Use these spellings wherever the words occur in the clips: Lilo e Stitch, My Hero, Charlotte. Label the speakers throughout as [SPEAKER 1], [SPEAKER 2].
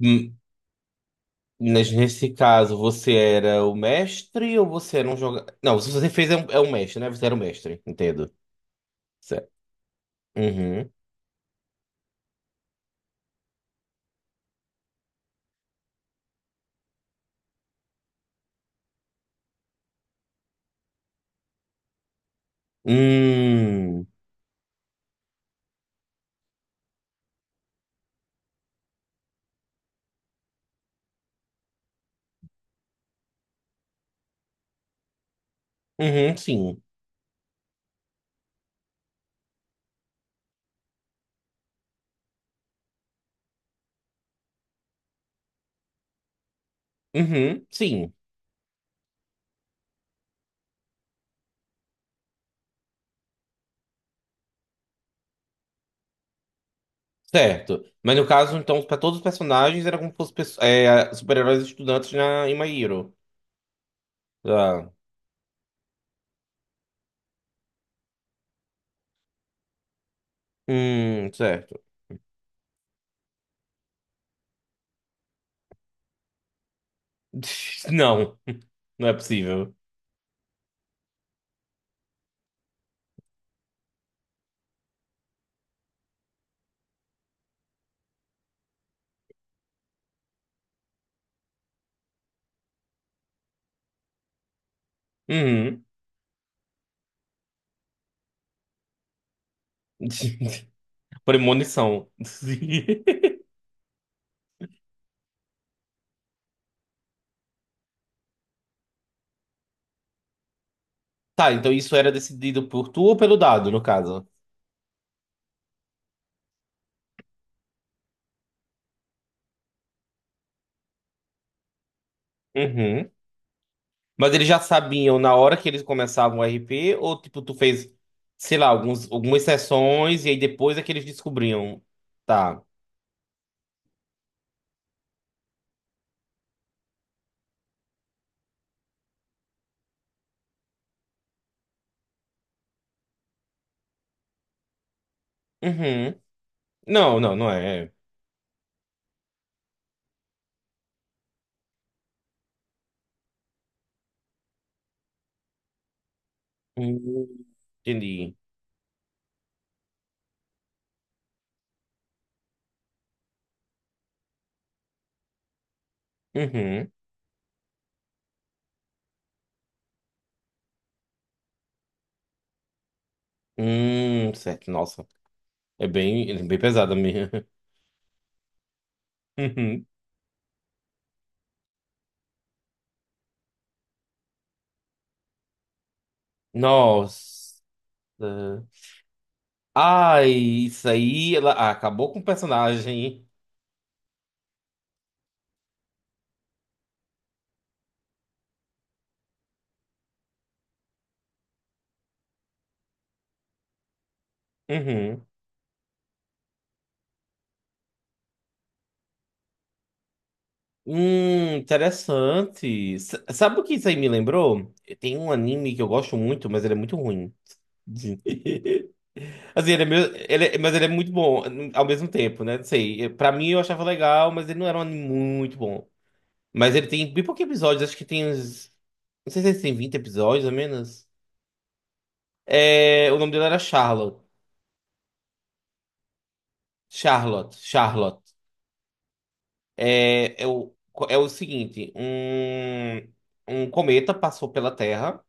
[SPEAKER 1] Hum, mas nesse caso, você era o mestre ou você era um jogador? Não, se você fez é um mestre, né? Você era o mestre, entendo. Certo. Uhum. Hum. Uhum, sim. Uhum, sim. Certo. Mas no caso, então, para todos os personagens, era como se fossem super-heróis estudantes em My Hero. Tá. Certo. Não, não é possível. Uhum. Premonição. Tá, então isso era decidido por tu ou pelo dado, no caso? Uhum. Mas eles já sabiam na hora que eles começavam o RP, ou tipo, tu fez, sei lá, alguns, algumas sessões e aí depois é que eles descobriam. Tá. Uhum. Não, não, não é. Hum, entendi. Uhum. Certo. Nossa. É bem pesada mesmo. Uhum. Nossa. Ai, isso aí ela acabou com o personagem. Uhum. Interessante. Sabe o que isso aí me lembrou? Tem um anime que eu gosto muito, mas ele é muito ruim. Assim, ele é meio, ele é- mas ele é muito bom ao mesmo tempo, né? Não sei. Pra mim eu achava legal, mas ele não era um anime muito bom. Mas ele tem bem poucos episódios, acho que tem uns. Não sei se ele tem 20 episódios ou menos. É, o nome dele era Charlotte. Charlotte. Charlotte. É, é, o, é o seguinte: um cometa passou pela Terra.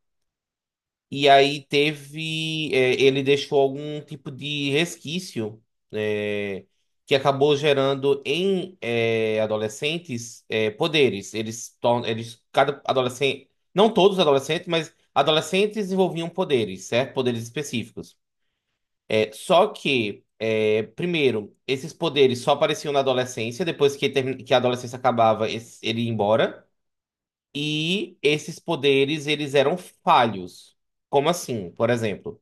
[SPEAKER 1] E aí teve, ele deixou algum tipo de resquício, é, que acabou gerando em adolescentes poderes. Cada adolescente. Não todos os adolescentes, mas adolescentes envolviam poderes, certo? Poderes específicos. Só que, primeiro, esses poderes só apareciam na adolescência, depois que, que a adolescência acabava, ele ia embora. E esses poderes, eles eram falhos. Como assim? Por exemplo.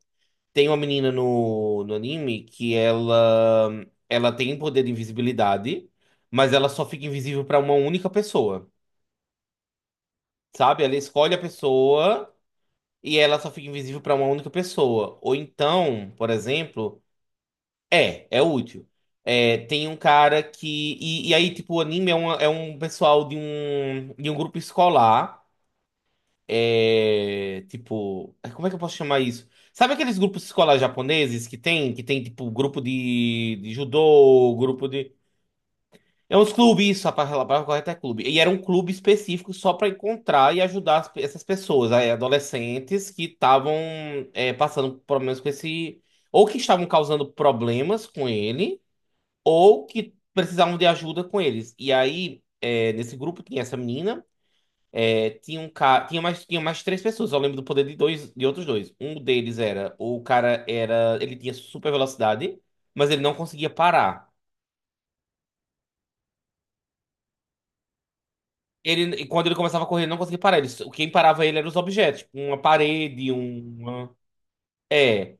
[SPEAKER 1] Tem uma menina no anime que ela tem poder de invisibilidade, mas ela só fica invisível pra uma única pessoa, sabe? Ela escolhe a pessoa e ela só fica invisível pra uma única pessoa. Ou então, por exemplo, é útil. É, tem um cara que. E aí, tipo, o anime é um pessoal de um grupo escolar. Tipo, ai, como é que eu posso chamar isso? Sabe aqueles grupos escolares japoneses que tem tipo grupo de judô, grupo de. É uns clubes, isso, a palavra correta é clube. E era um clube específico só para encontrar e ajudar essas pessoas, aí, adolescentes que estavam passando por problemas com esse. Ou que estavam causando problemas com ele, ou que precisavam de ajuda com eles. E aí, nesse grupo tinha essa menina. É, tinha um cara, tinha mais três pessoas. Eu lembro do poder de dois, de outros dois. Um deles era, o cara era, ele tinha super velocidade, mas ele não conseguia parar. E quando ele começava a correr, ele não conseguia parar. Quem parava ele eram os objetos, tipo uma parede, uma. é, é,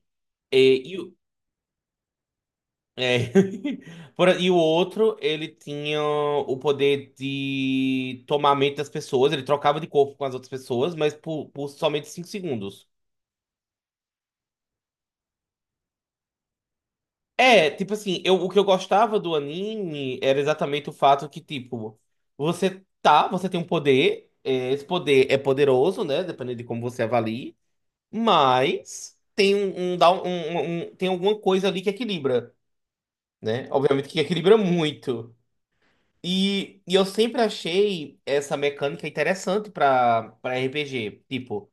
[SPEAKER 1] e, o- é. E o outro, ele tinha o poder de tomar a mente das pessoas. Ele trocava de corpo com as outras pessoas, mas por somente 5 segundos. É, tipo assim, o que eu gostava do anime era exatamente o fato que, tipo, você tem um poder, esse poder é poderoso, né? Dependendo de como você avalie, mas tem um, um, dá um- um- um- um, tem alguma coisa ali que equilibra, né? Obviamente que equilibra muito. E eu sempre achei essa mecânica interessante pra, RPG. Tipo,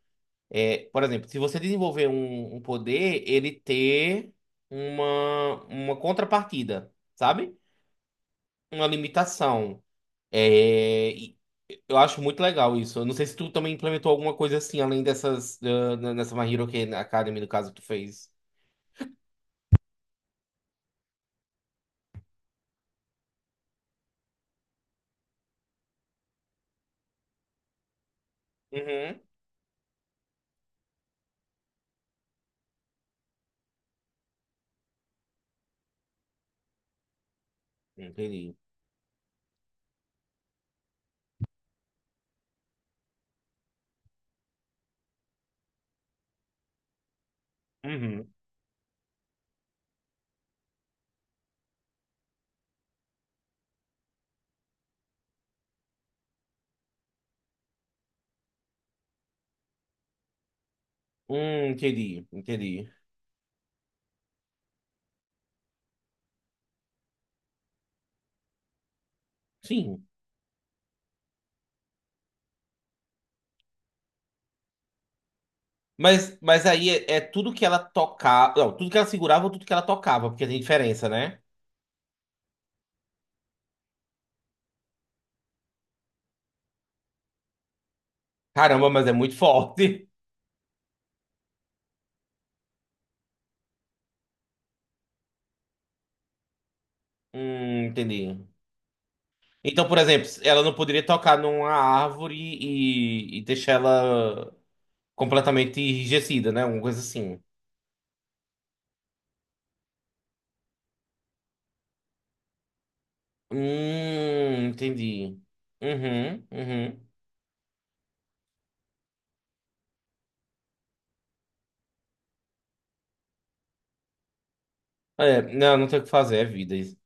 [SPEAKER 1] por exemplo, se você desenvolver um poder, ele ter uma contrapartida, sabe? Uma limitação. É, e eu acho muito legal isso. Eu não sei se tu também implementou alguma coisa assim, além dessas, nessa My Hero Academy, no caso, que tu fez. Uhum. Entendi. Uhum. Entendi, entendi. Sim. Mas aí é tudo que ela tocava. Não, tudo que ela segurava ou tudo que ela tocava, porque tem diferença, né? Caramba, mas é muito forte. Entendi. Então, por exemplo, ela não poderia tocar numa árvore e deixar ela completamente enrijecida, né? Alguma coisa assim. Entendi. Uhum, uhum. É, não, não tem o que fazer, é vida. Isso.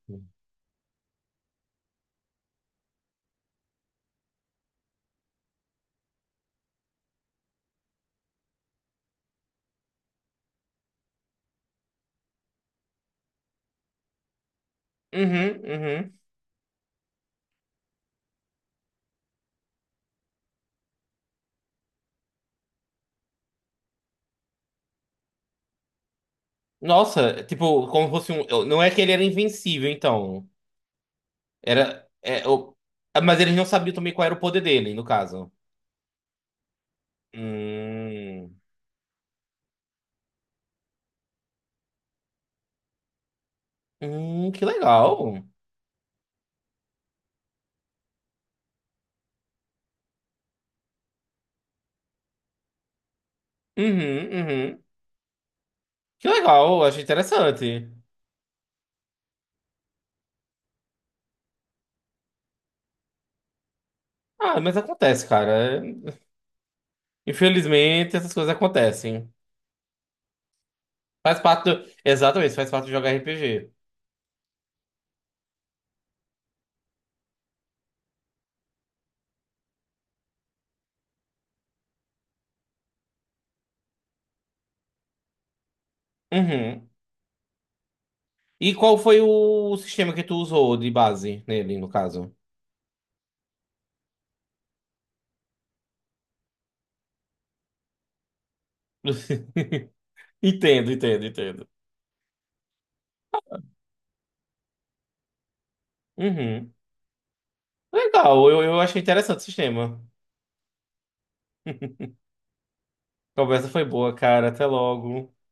[SPEAKER 1] Uhum, uhum. Nossa, tipo, como fosse um. Não é que ele era invencível, então. Era. Mas eles não sabiam também qual era o poder dele, no caso. Hum, que legal. Uhum, uhum. Que legal, achei interessante. Ah, mas acontece, cara. É, infelizmente, essas coisas acontecem. Exatamente, faz parte de jogar RPG. Uhum. E qual foi o sistema que tu usou de base nele, no caso? Entendo, entendo, entendo. Uhum. Legal, eu achei interessante o sistema. A conversa foi boa, cara. Até logo.